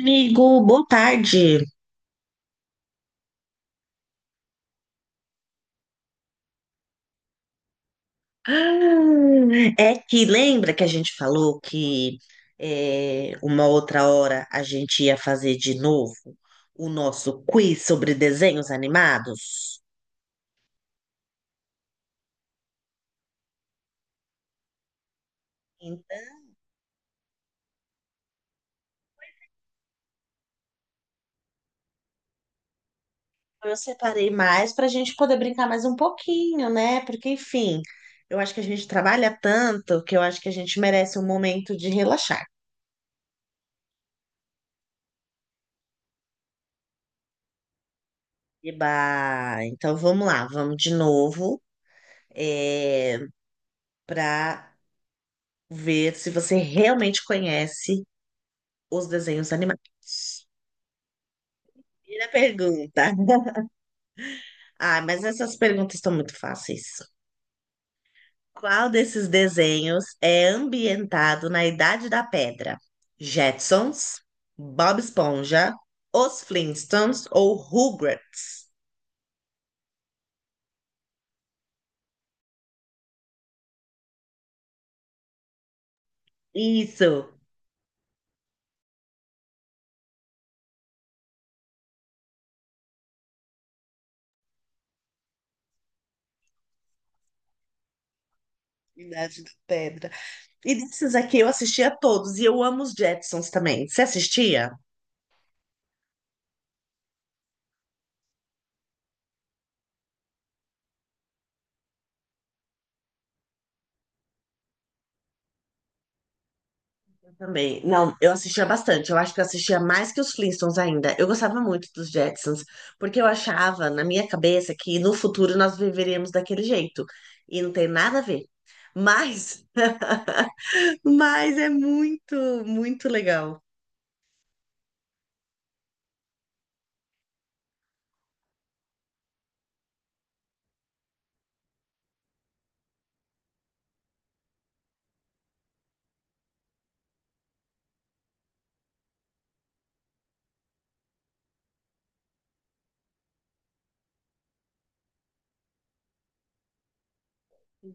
Amigo, boa tarde. Ah, É que lembra que a gente falou que uma outra hora a gente ia fazer de novo o nosso quiz sobre desenhos animados? Então, eu separei mais para a gente poder brincar mais um pouquinho, né? Porque, enfim, eu acho que a gente trabalha tanto que eu acho que a gente merece um momento de relaxar. Eba, então vamos lá, vamos de novo é, para ver se você realmente conhece os desenhos animados. Primeira pergunta. Ah, mas essas perguntas estão muito fáceis. Qual desses desenhos é ambientado na Idade da Pedra? Jetsons, Bob Esponja, Os Flintstones ou Rugrats? Isso, Idade da Pedra. E desses aqui eu assistia todos e eu amo os Jetsons também. Você assistia? Também. Não, eu assistia bastante. Eu acho que eu assistia mais que os Flintstones ainda. Eu gostava muito dos Jetsons, porque eu achava, na minha cabeça, que no futuro nós viveríamos daquele jeito. E não tem nada a ver. Mas, mas é muito legal.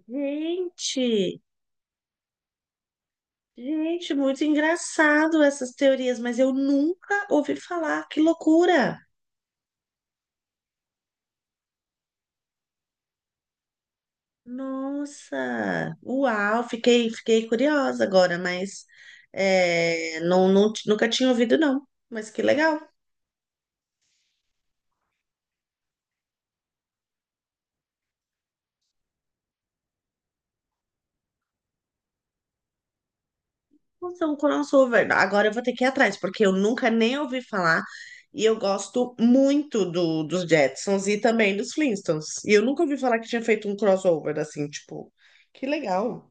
Gente, gente, muito engraçado essas teorias, mas eu nunca ouvi falar. Que loucura! Nossa, uau, fiquei curiosa agora, mas não, não, nunca tinha ouvido, não. Mas que legal. Nossa, um crossover. Agora eu vou ter que ir atrás, porque eu nunca nem ouvi falar e eu gosto muito dos Jetsons e também dos Flintstones. E eu nunca ouvi falar que tinha feito um crossover assim, tipo, que legal.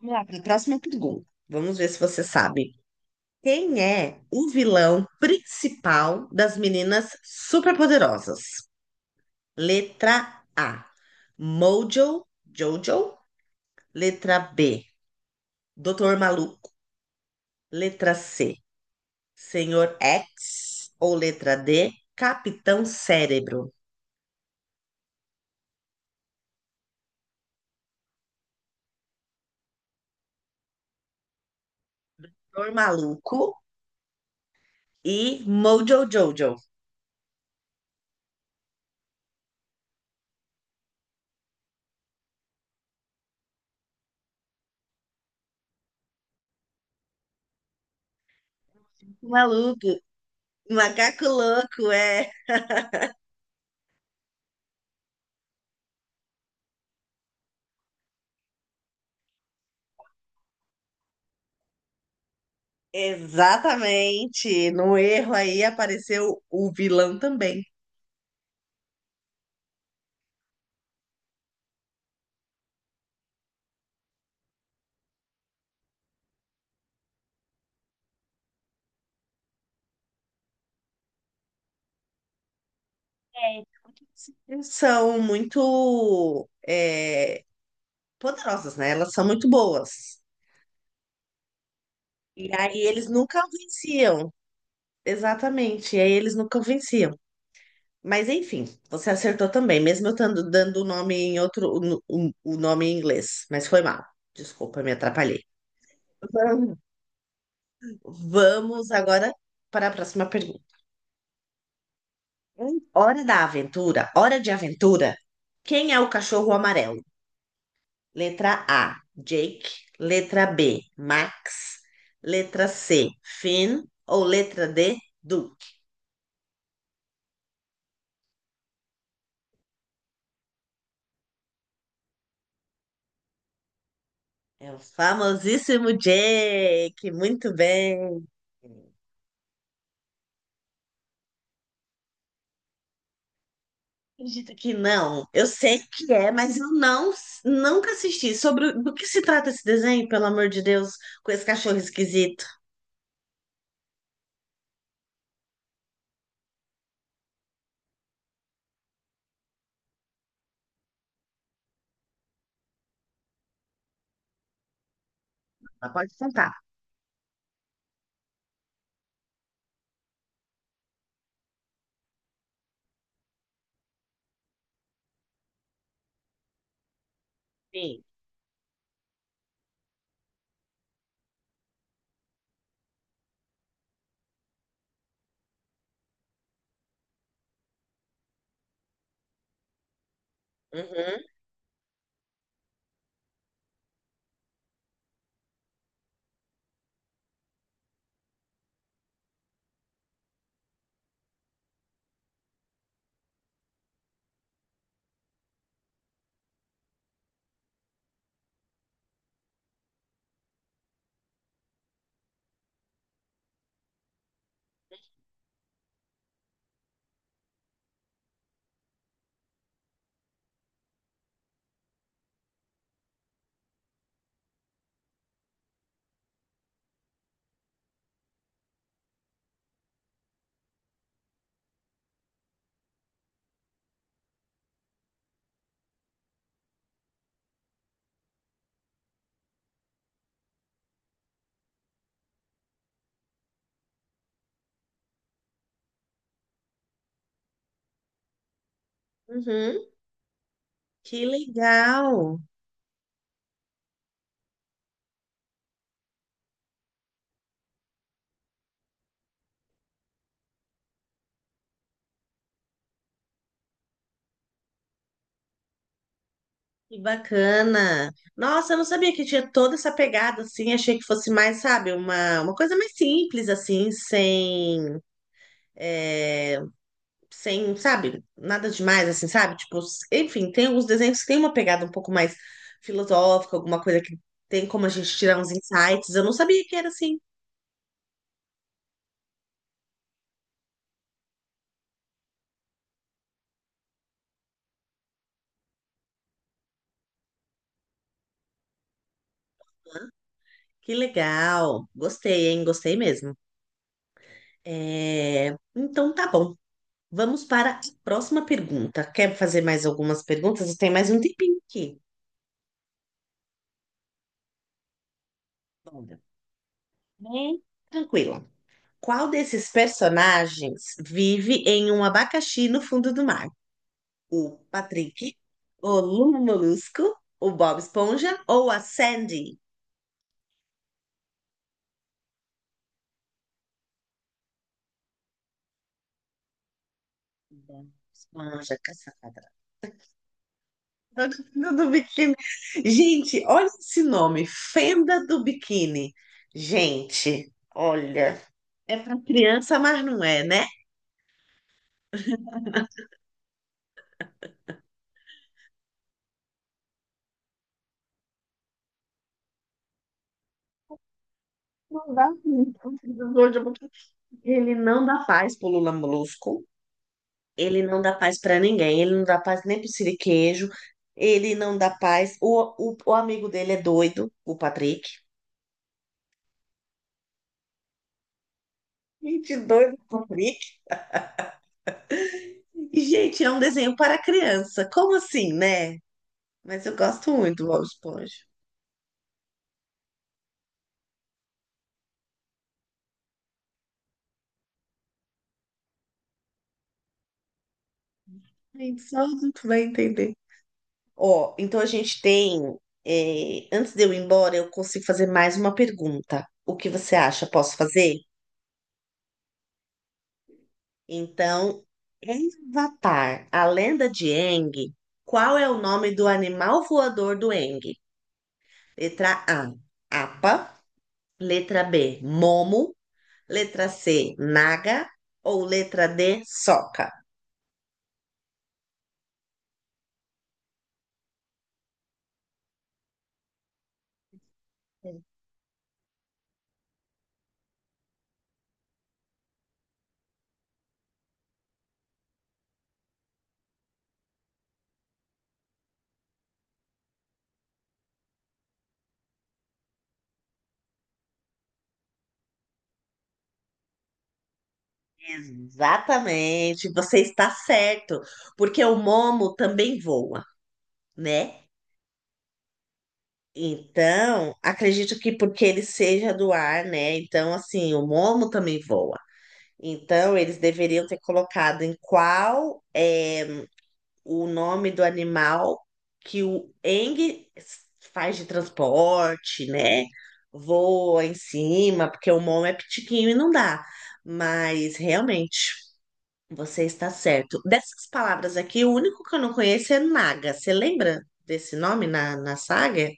Vamos lá, para a próxima pergunta. Vamos ver se você sabe. Quem é o vilão principal das meninas superpoderosas? Letra A, Mojo, Jojo. Letra B, Doutor Maluco. Letra C, Senhor X. Ou letra D, Capitão Cérebro. Doutor Maluco e Mojo Jojo. Maluco, macaco louco, é. Exatamente. No erro aí apareceu o vilão também. É. São muito, é, poderosas, né? Elas são muito boas. E aí eles nunca venciam. Exatamente. E aí eles nunca venciam. Mas enfim, você acertou também, mesmo eu estando dando o nome em outro, o nome em inglês. Mas foi mal. Desculpa, me atrapalhei. Vamos Vamos agora para a próxima pergunta. Em Hora da aventura, hora de aventura. Quem é o cachorro amarelo? Letra A, Jake. Letra B, Max. Letra C, Finn. Ou letra D, Duke? É o famosíssimo Jake, muito bem. Acredito que não. Eu sei que é, mas eu nunca assisti. Sobre do que se trata esse desenho, pelo amor de Deus, com esse cachorro esquisito? Mas pode contar. Sim. Uhum, uhum. Que legal. Que bacana. Nossa, eu não sabia que tinha toda essa pegada assim. Achei que fosse mais, sabe, uma coisa mais simples, assim, sem. eh, sem, sabe, nada demais, assim, sabe? Tipo, enfim, tem alguns desenhos que tem uma pegada um pouco mais filosófica, alguma coisa que tem como a gente tirar uns insights. Eu não sabia que era assim. Que legal. Gostei, hein? Gostei mesmo. É, então tá bom. Vamos para a próxima pergunta. Quer fazer mais algumas perguntas? Tem mais um tempinho aqui. Bora. Bem, tranquilo. Qual desses personagens vive em um abacaxi no fundo do mar? O Patrick, o Lula Molusco, o Bob Esponja ou a Sandy? Bob Esponja, caça-padrão. Fenda do biquíni. Gente, olha esse nome, Fenda do Biquíni. Gente, olha, é para criança, mas não é, né? Não dá. Então, um ele não dá paz pro Lula Molusco. Ele não dá paz pra ninguém. Ele não dá paz nem pro Siriquejo. Ele não dá paz. O amigo dele é doido, o Patrick. Gente, doido, o Patrick. E, gente, é um desenho para criança. Como assim, né? Mas eu gosto muito do Bob Esponja. Gente, só adulto vai entender. Ó, então a gente tem. Antes de eu ir embora, eu consigo fazer mais uma pergunta. O que você acha? Posso fazer? Então, em Avatar, a lenda de Aang, qual é o nome do animal voador do Aang? Letra A, Apa. Letra B, Momo. Letra C, Naga. Ou letra D, Sokka. Exatamente, você está certo, porque o Momo também voa, né? Então, acredito que porque ele seja do ar, né? Então, assim, o Momo também voa. Então, eles deveriam ter colocado em qual é o nome do animal que o Eng faz de transporte, né? Voa em cima, porque o Mon é pitiquinho e não dá. Mas realmente, você está certo. Dessas palavras aqui, o único que eu não conheço é Naga. Você lembra desse nome na saga?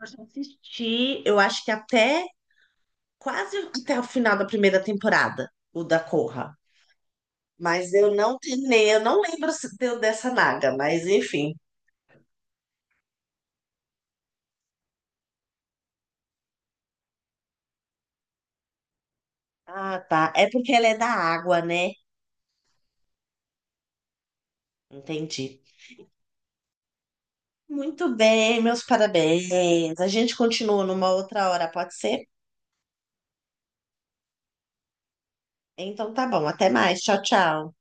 Eu já assisti, eu acho que até quase até o final da primeira temporada, o da Korra. Mas eu não terminei, eu não lembro se deu dessa naga, mas enfim. Ah, tá. É porque ela é da água, né? Entendi. Muito bem, meus parabéns. A gente continua numa outra hora, pode ser? Então tá bom, até mais. Tchau, tchau.